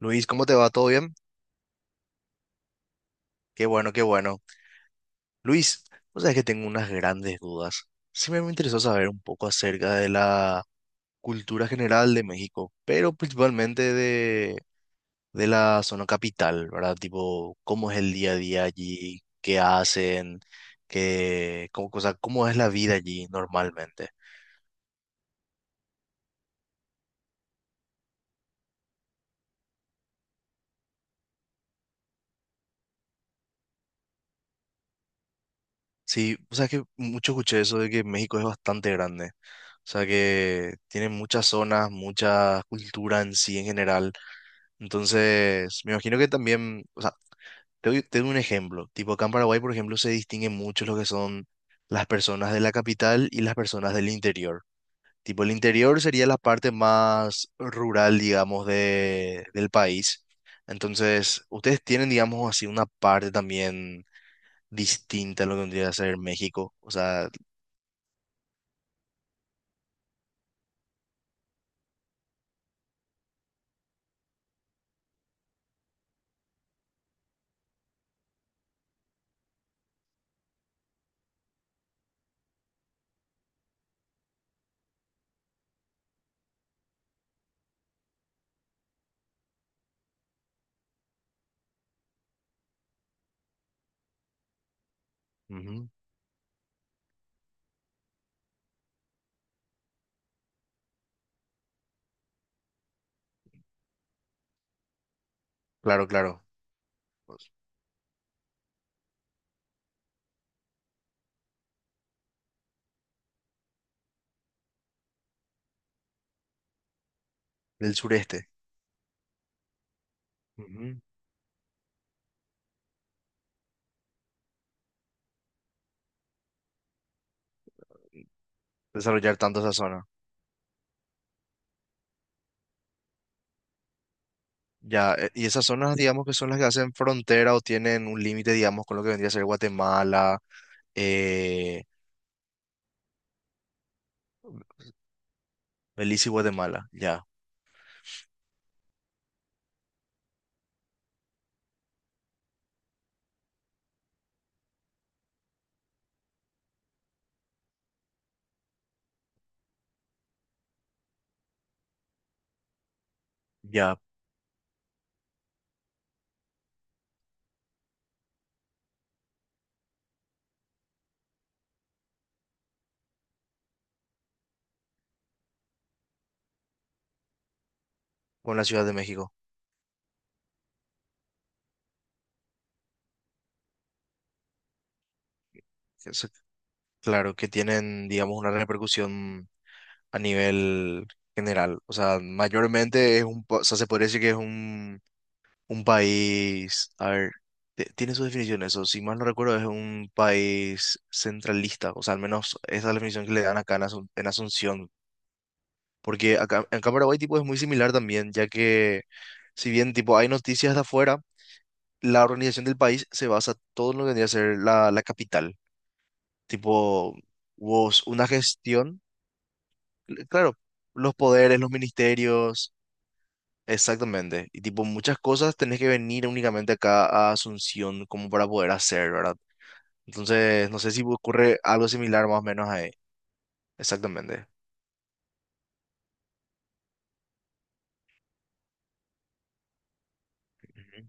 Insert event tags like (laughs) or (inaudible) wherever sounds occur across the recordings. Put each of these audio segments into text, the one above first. Luis, ¿cómo te va? ¿Todo bien? Qué bueno, qué bueno. Luis, vos sabés que tengo unas grandes dudas. Siempre me interesó saber un poco acerca de la cultura general de México, pero principalmente de la zona capital, ¿verdad? Tipo, ¿cómo es el día a día allí? ¿Qué hacen? ¿Qué, cómo, o sea, cómo es la vida allí normalmente? Sí, o sea, que mucho escuché eso de que México es bastante grande. O sea que tiene muchas zonas, mucha cultura en sí en general. Entonces, me imagino que también, o sea, te doy un ejemplo. Tipo, acá en Paraguay, por ejemplo, se distinguen mucho lo que son las personas de la capital y las personas del interior. Tipo, el interior sería la parte más rural, digamos, del país. Entonces, ustedes tienen, digamos, así una parte también distinta a lo que vendría a ser México. O sea, ujú, claro, claro, pues, del sureste. Ujú. Desarrollar tanto esa zona. Ya, y esas zonas, digamos, que son las que hacen frontera o tienen un límite, digamos, con lo que vendría a ser Guatemala, eh, Belice y Guatemala, ya, ya, con la Ciudad de México. Eso, claro, que tienen, digamos, una repercusión a nivel general. O sea, mayormente es un, pa- o sea, se podría decir que es un país, a ver, te- tiene su definición eso, si mal no recuerdo, es un país centralista, o sea, al menos esa es la definición que le dan acá en Asun- en Asunción. Porque acá, acá en Paraguay tipo es muy similar también, ya que si bien tipo hay noticias de afuera, la organización del país se basa todo en lo que vendría a ser la capital. Tipo, hubo una gestión, cl- claro, los poderes, los ministerios, exactamente. Y tipo, muchas cosas tenés que venir únicamente acá a Asunción como para poder hacer, ¿verdad? Entonces, no sé si ocurre algo similar más o menos ahí. Exactamente. Ujú,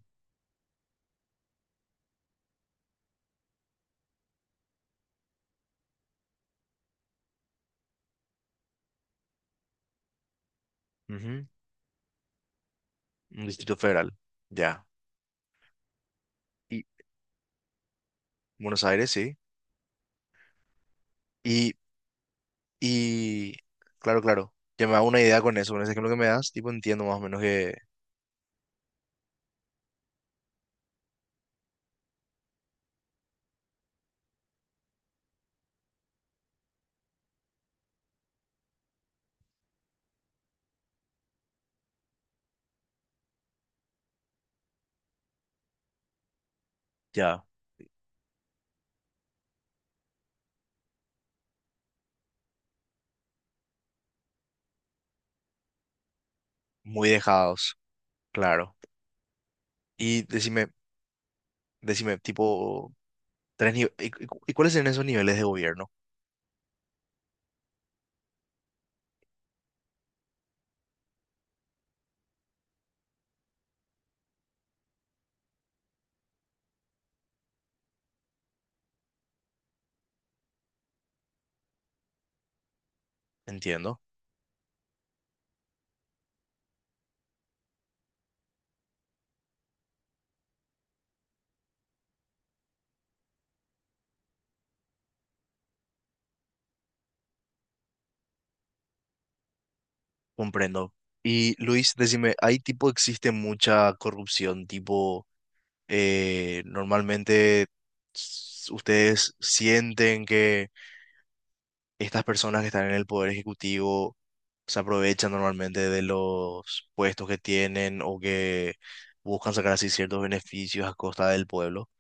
ujú. Un distrito federal. Ya. Y Buenos Aires, sí. Y y claro, claro, ya me hago una idea con eso, con ese ejemplo que me das, tipo entiendo más o menos que ya, muy dejados, claro. Y decime, decime, tipo, tres nive- ¿y, y cuáles son esos niveles de gobierno? Entiendo. Comprendo. Y Luis, decime, ahí tipo existe mucha corrupción, tipo, normalmente s- ustedes sienten que estas personas que están en el poder ejecutivo se aprovechan normalmente de los puestos que tienen o que buscan sacar así ciertos beneficios a costa del pueblo.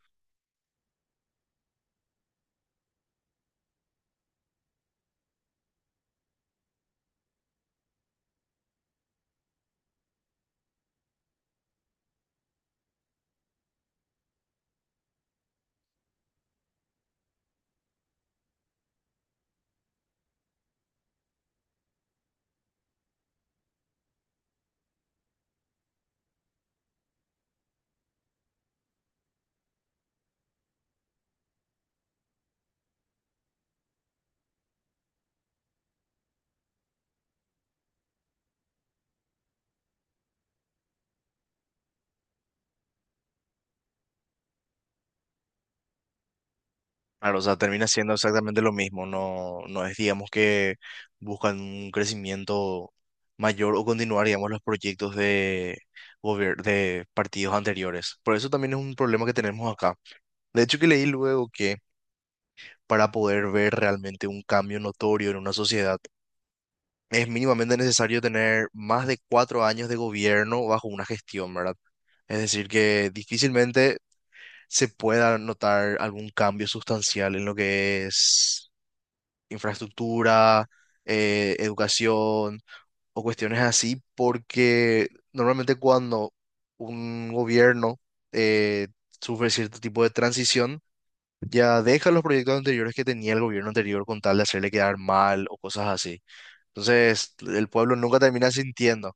Claro, o sea, termina siendo exactamente lo mismo, no, no es, digamos, que buscan un crecimiento mayor o continuar, digamos, los proyectos de, gobier- de partidos anteriores. Por eso también es un problema que tenemos acá. De hecho, que leí luego que para poder ver realmente un cambio notorio en una sociedad, es mínimamente necesario tener más de 4 años de gobierno bajo una gestión, ¿verdad? Es decir, que difícilmente se pueda notar algún cambio sustancial en lo que es infraestructura, educación o cuestiones así, porque normalmente cuando un gobierno eh, sufre cierto tipo de transición, ya deja los proyectos anteriores que tenía el gobierno anterior con tal de hacerle quedar mal o cosas así. Entonces, el pueblo nunca termina sintiendo.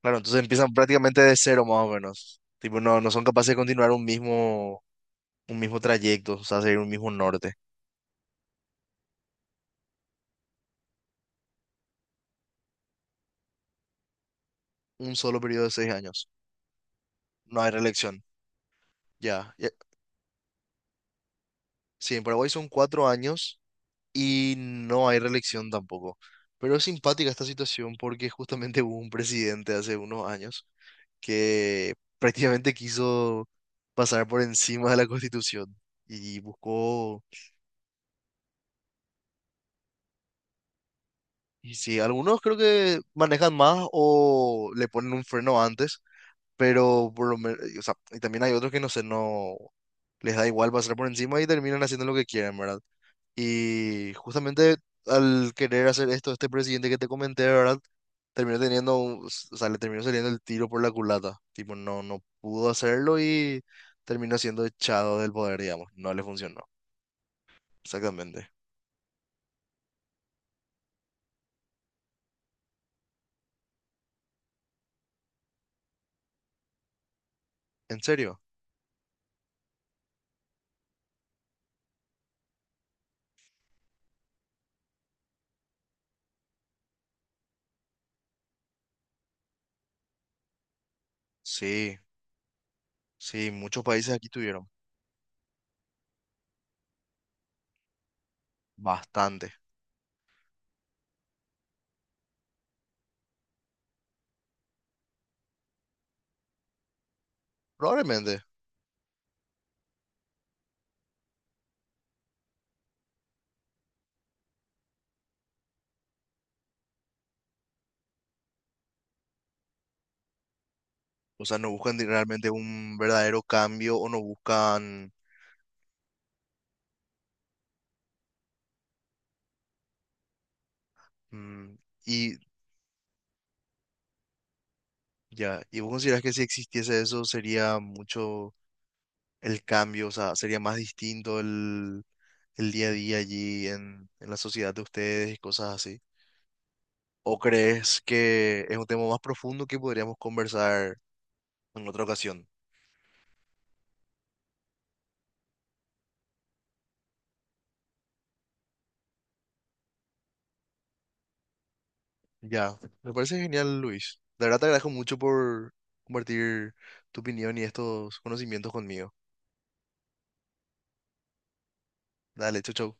Claro, entonces empiezan prácticamente de cero más o menos. Tipo, no, no son capaces de continuar un mismo trayecto, o sea, seguir un mismo norte. Un solo periodo de 6 años. No hay reelección. Ya, sí, en Paraguay son 4 años y no hay reelección tampoco. Pero es simpática esta situación porque (laughs) justamente hubo un presidente hace unos años que prácticamente quiso pasar por encima de la Constitución y buscó, y sí, algunos creo que manejan más o le ponen un freno antes, pero por lo menos, y también hay otros que no sé, no les da igual pasar por encima y terminan haciendo lo que quieren, ¿verdad? Y justamente al querer hacer esto, este presidente que te comenté, ¿verdad? Terminó teniendo, un- o sea, le terminó saliendo el tiro por la culata. Tipo, no, no pudo hacerlo y terminó siendo echado del poder, digamos. No le funcionó. Exactamente. ¿En serio? Sí, sí, muchos países aquí tuvieron. Bastante. Probablemente. O sea, no buscan de- realmente un verdadero cambio o no buscan... Mm, y ya, ¿y vos considerás que si existiese eso sería mucho... el cambio, o sea, sería más distinto el día a día allí en la sociedad de ustedes y cosas así. ¿O crees que es un tema más profundo que podríamos conversar en otra ocasión? Ya, me parece genial, Luis. De verdad te agradezco mucho por compartir tu opinión y estos conocimientos conmigo. Dale, chau, chau.